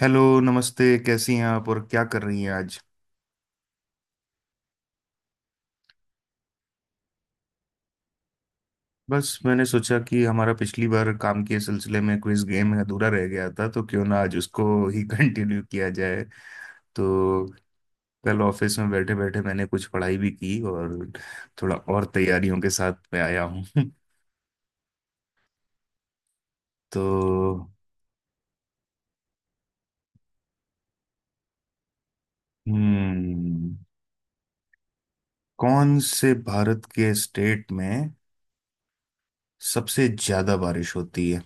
Hello, नमस्ते। कैसी हैं आप और क्या कर रही हैं आज? बस मैंने सोचा कि हमारा पिछली बार काम के सिलसिले में क्विज गेम अधूरा रह गया था, तो क्यों ना आज उसको ही कंटिन्यू किया जाए। तो कल ऑफिस में बैठे बैठे मैंने कुछ पढ़ाई भी की और थोड़ा और तैयारियों के साथ मैं आया हूँ। तो हम्म कौन से भारत के स्टेट में सबसे ज्यादा बारिश होती है?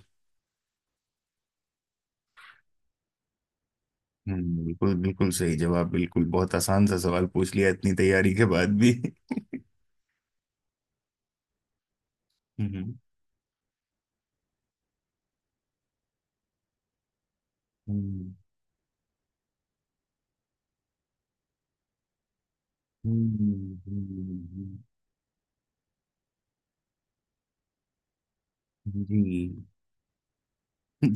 बिल्कुल बिल्कुल, सही जवाब। बिल्कुल, बहुत आसान सा सवाल पूछ लिया इतनी तैयारी के बाद भी। हम्म। हम्म। हम्म। जी,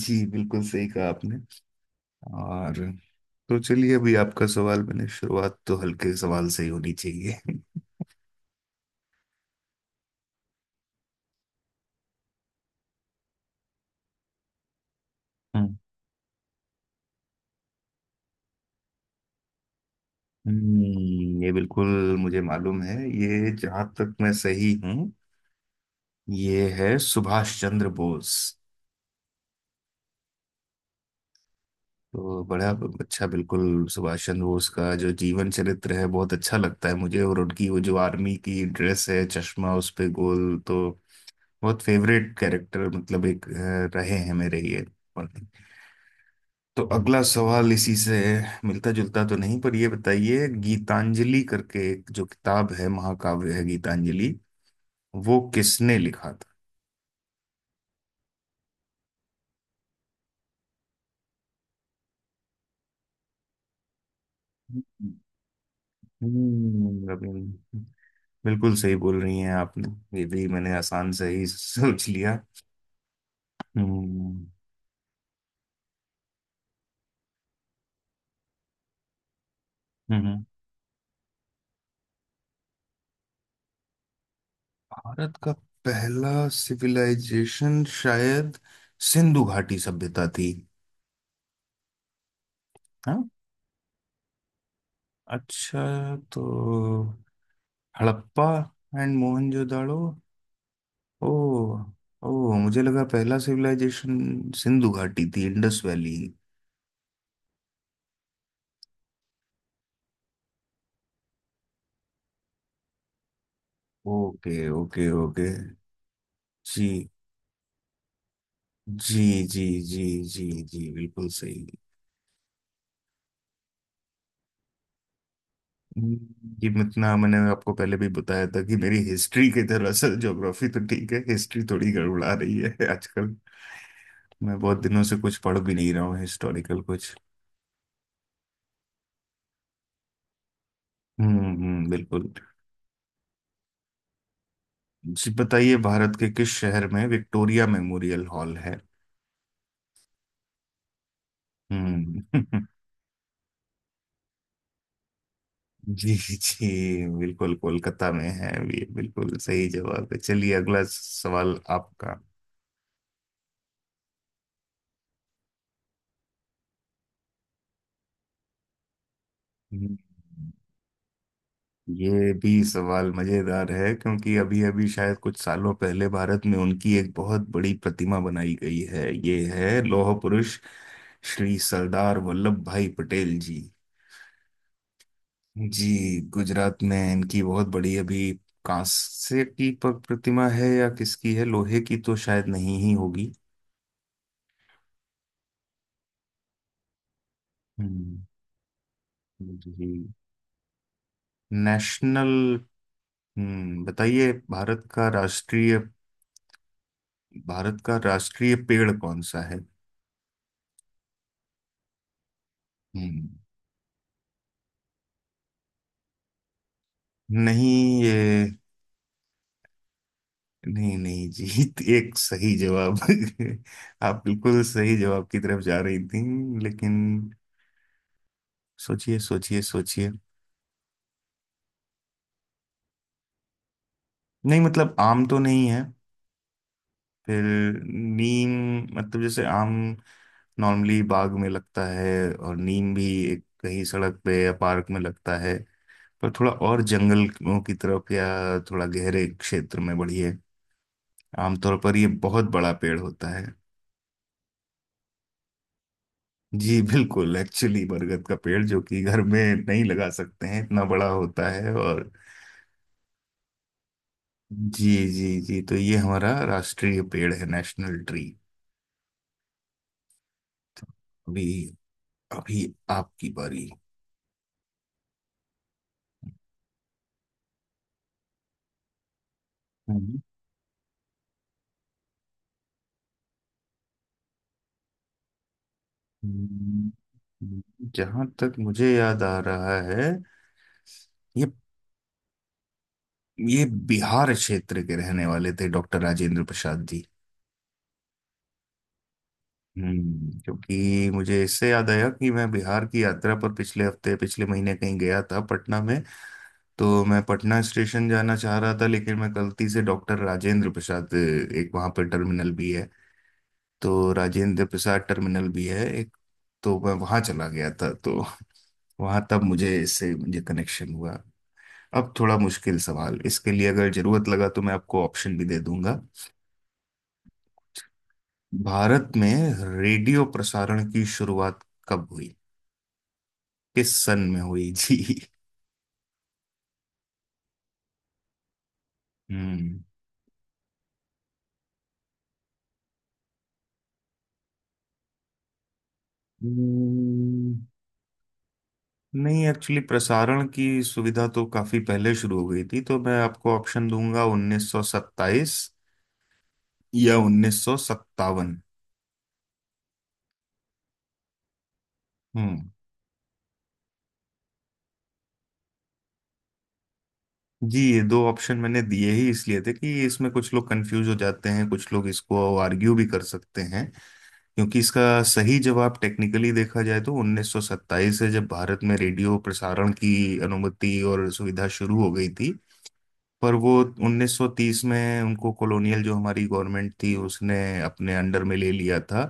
जी, बिल्कुल सही कहा आपने। और तो चलिए, अभी आपका सवाल, मैंने शुरुआत तो हल्के सवाल से ही होनी चाहिए। हम्म। ये बिल्कुल, मुझे मालूम है। ये, जहां तक मैं सही हूँ, ये है सुभाष चंद्र बोस। तो बड़ा अच्छा, बिल्कुल। सुभाष चंद्र बोस का जो जीवन चरित्र है, बहुत अच्छा लगता है मुझे, और उनकी वो जो आर्मी की ड्रेस है, चश्मा उस पे गोल। तो बहुत फेवरेट कैरेक्टर मतलब एक रहे हैं मेरे ये। और- तो अगला सवाल इसी से मिलता जुलता तो नहीं, पर ये बताइए, गीतांजलि करके एक जो किताब है, महाकाव्य है गीतांजलि, वो किसने लिखा था? रविंद्र। बिल्कुल सही बोल रही हैं आपने, ये भी मैंने आसान से ही सोच लिया। हम्म। हम्म। भारत का पहला सिविलाइजेशन शायद सिंधु घाटी सभ्यता थी। हाँ। अच्छा, तो हड़प्पा एंड मोहनजोदाड़ो। ओ। ओ, मुझे लगा पहला सिविलाइजेशन सिंधु घाटी थी, Indus valley. Okay okay okay. जी। जी। जी। जी, जी, जी, बिल्कुल सही। ये इतना मैंने आपको पहले भी बताया था कि मेरी हिस्ट्री की तरह से ज्योग्राफी तो ठीक है, हिस्ट्री थोड़ी गड़बड़ा रही है आजकल। मैं बहुत दिनों से कुछ पढ़ भी नहीं रहा हूँ हिस्टोरिकल कुछ। हम्म। हम्म, बिल्कुल। जी, बताइए, भारत के किस शहर में विक्टोरिया मेमोरियल हॉल है? हम्म। जी, जी, बिल्कुल कोलकाता में है। ये बिल्कुल सही जवाब है, चलिए अगला सवाल आपका। हम्म, ये भी सवाल मजेदार है क्योंकि अभी अभी शायद कुछ सालों पहले भारत में उनकी एक बहुत बड़ी प्रतिमा बनाई गई है, ये है लौह पुरुष श्री सरदार वल्लभ भाई पटेल जी। जी, गुजरात में इनकी बहुत बड़ी अभी कांसे की प्रतिमा है, या किसकी है, लोहे की तो शायद नहीं ही होगी। हम्म। जी। नेशनल हम्म, बताइए, भारत का राष्ट्रीय, भारत का राष्ट्रीय पेड़ कौन सा है? हम्म। नहीं, ये, नहीं नहीं, जीत, एक सही जवाब। आप बिल्कुल सही जवाब की तरफ जा रही थी, लेकिन सोचिए सोचिए सोचिए। नहीं, मतलब आम तो नहीं है, फिर नीम, मतलब जैसे आम नॉर्मली बाग में लगता है, और नीम भी एक कहीं सड़क पे या पार्क में लगता है, पर थोड़ा और जंगलों की तरफ या थोड़ा गहरे क्षेत्र में बढ़िए, आमतौर पर ये बहुत बड़ा पेड़ होता है। जी, बिल्कुल, एक्चुअली बरगद का पेड़ जो कि घर में नहीं लगा सकते हैं, इतना बड़ा होता है, और जी जी जी, तो ये हमारा राष्ट्रीय पेड़ है, नेशनल ट्री। तो अभी, अभी आपकी बारी। हम्म, हम्म, जहाँ तक मुझे याद आ रहा है ये ये बिहार क्षेत्र के रहने वाले थे, डॉक्टर राजेंद्र प्रसाद जी। हम्म, क्योंकि मुझे इससे याद आया कि मैं बिहार की यात्रा पर पिछले हफ्ते, पिछले महीने कहीं गया था, पटना में। तो मैं पटना स्टेशन जाना चाह रहा था, लेकिन मैं गलती से डॉक्टर राजेंद्र प्रसाद, एक वहाँ पर टर्मिनल भी है, तो राजेंद्र प्रसाद टर्मिनल भी है एक, तो मैं वहाँ चला गया था, तो वहाँ तब मुझे, इससे मुझे कनेक्शन हुआ। अब थोड़ा मुश्किल सवाल, इसके लिए अगर जरूरत लगा तो मैं आपको ऑप्शन भी दे दूंगा। भारत में रेडियो प्रसारण की शुरुआत कब हुई, किस सन में हुई? जी। हम्म। नहीं, एक्चुअली प्रसारण की सुविधा तो काफी पहले शुरू हो गई थी, तो मैं आपको ऑप्शन दूंगा, 1927 या 1957। हम्म। जी, ये दो ऑप्शन मैंने दिए ही इसलिए थे कि इसमें कुछ लोग कंफ्यूज हो जाते हैं, कुछ लोग इसको आर्ग्यू भी कर सकते हैं, क्योंकि इसका सही जवाब टेक्निकली देखा जाए तो 1927 है, जब भारत में रेडियो प्रसारण की अनुमति और सुविधा शुरू हो गई थी। पर वो 1930 में उनको, कॉलोनियल जो हमारी गवर्नमेंट थी उसने अपने अंडर में ले लिया था।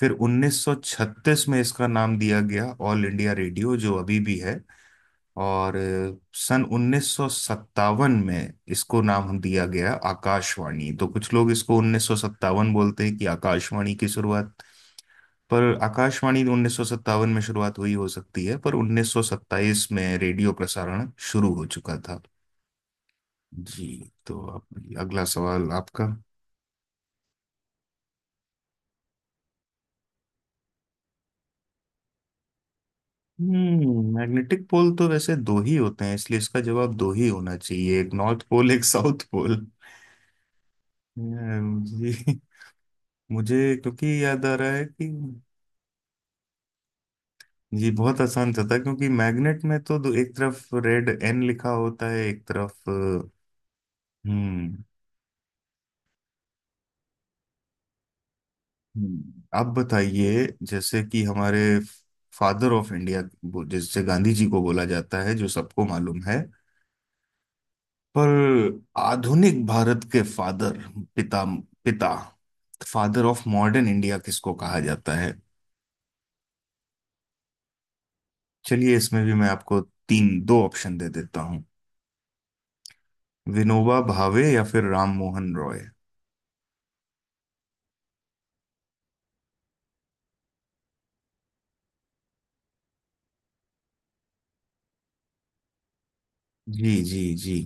फिर 1936 में इसका नाम दिया गया ऑल इंडिया रेडियो, जो अभी भी है। और सन 1957 में इसको नाम दिया गया आकाशवाणी, तो कुछ लोग इसको 1957 बोलते हैं कि आकाशवाणी की शुरुआत। पर आकाशवाणी 1957 में शुरुआत हुई हो सकती है, पर 1927 में रेडियो प्रसारण शुरू हो चुका था। जी, तो अब अगला सवाल आपका। हम्म, मैग्नेटिक पोल तो वैसे दो ही होते हैं, इसलिए इसका जवाब दो ही होना चाहिए, एक नॉर्थ पोल एक साउथ पोल। जी। मुझे क्योंकि याद आ रहा है कि, जी, बहुत आसान सा था क्योंकि मैग्नेट में तो दो, एक तरफ रेड एन लिखा होता है एक तरफ हम्म। हम्म। आप बताइए, जैसे कि हमारे फादर ऑफ इंडिया, जैसे गांधी जी को बोला जाता है, जो सबको मालूम है, पर आधुनिक भारत के फादर, पिता, पिता, फादर ऑफ मॉडर्न इंडिया किसको कहा जाता है? चलिए इसमें भी मैं आपको तीन दो ऑप्शन दे देता हूँ, विनोबा भावे या फिर राम मोहन रॉय। जी। जी। जी।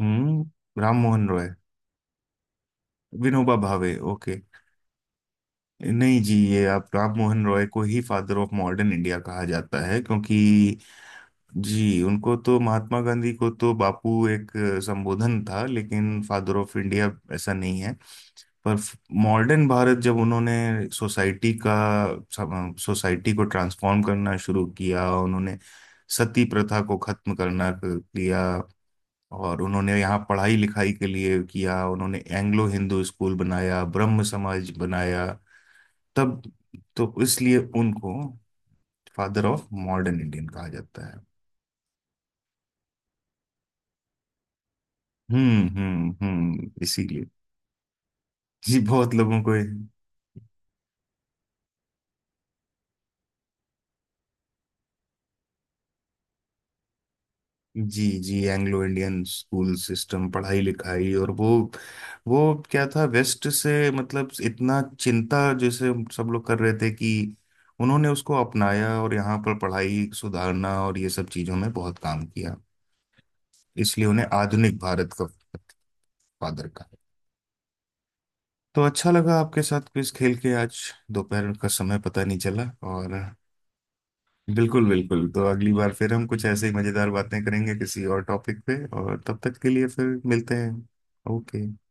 हम्म, राम मोहन रॉय, विनोबा भावे, ओके। नहीं जी, ये आप, राम मोहन रॉय को ही फादर ऑफ मॉडर्न इंडिया कहा जाता है, क्योंकि जी, उनको, तो महात्मा गांधी को तो बापू, एक संबोधन था, लेकिन फादर ऑफ इंडिया ऐसा नहीं है। पर मॉडर्न भारत जब उन्होंने सोसाइटी का, सोसाइटी को ट्रांसफॉर्म करना शुरू किया, उन्होंने सती प्रथा को खत्म करना किया, और उन्होंने यहाँ पढ़ाई लिखाई के लिए किया, उन्होंने एंग्लो हिंदू स्कूल बनाया, ब्रह्म समाज बनाया। तब, तो इसलिए उनको फादर ऑफ मॉडर्न इंडियन कहा जाता है। हम्म, इसीलिए जी बहुत लोगों को, जी जी, एंग्लो इंडियन स्कूल सिस्टम, पढ़ाई लिखाई, और वो क्या था, वेस्ट से मतलब इतना चिंता जैसे सब लोग कर रहे थे, कि उन्होंने उसको अपनाया, और यहाँ पर पढ़ाई सुधारना और ये सब चीजों में बहुत काम किया। इसलिए उन्हें आधुनिक भारत का फादर कहा। तो अच्छा लगा आपके साथ क्विज खेल के आज, दोपहर का समय पता नहीं चला, और, बिल्कुल बिल्कुल, तो अगली बार फिर हम कुछ ऐसे ही मजेदार बातें करेंगे किसी और टॉपिक पे, और तब तक के लिए फिर मिलते हैं। ओके।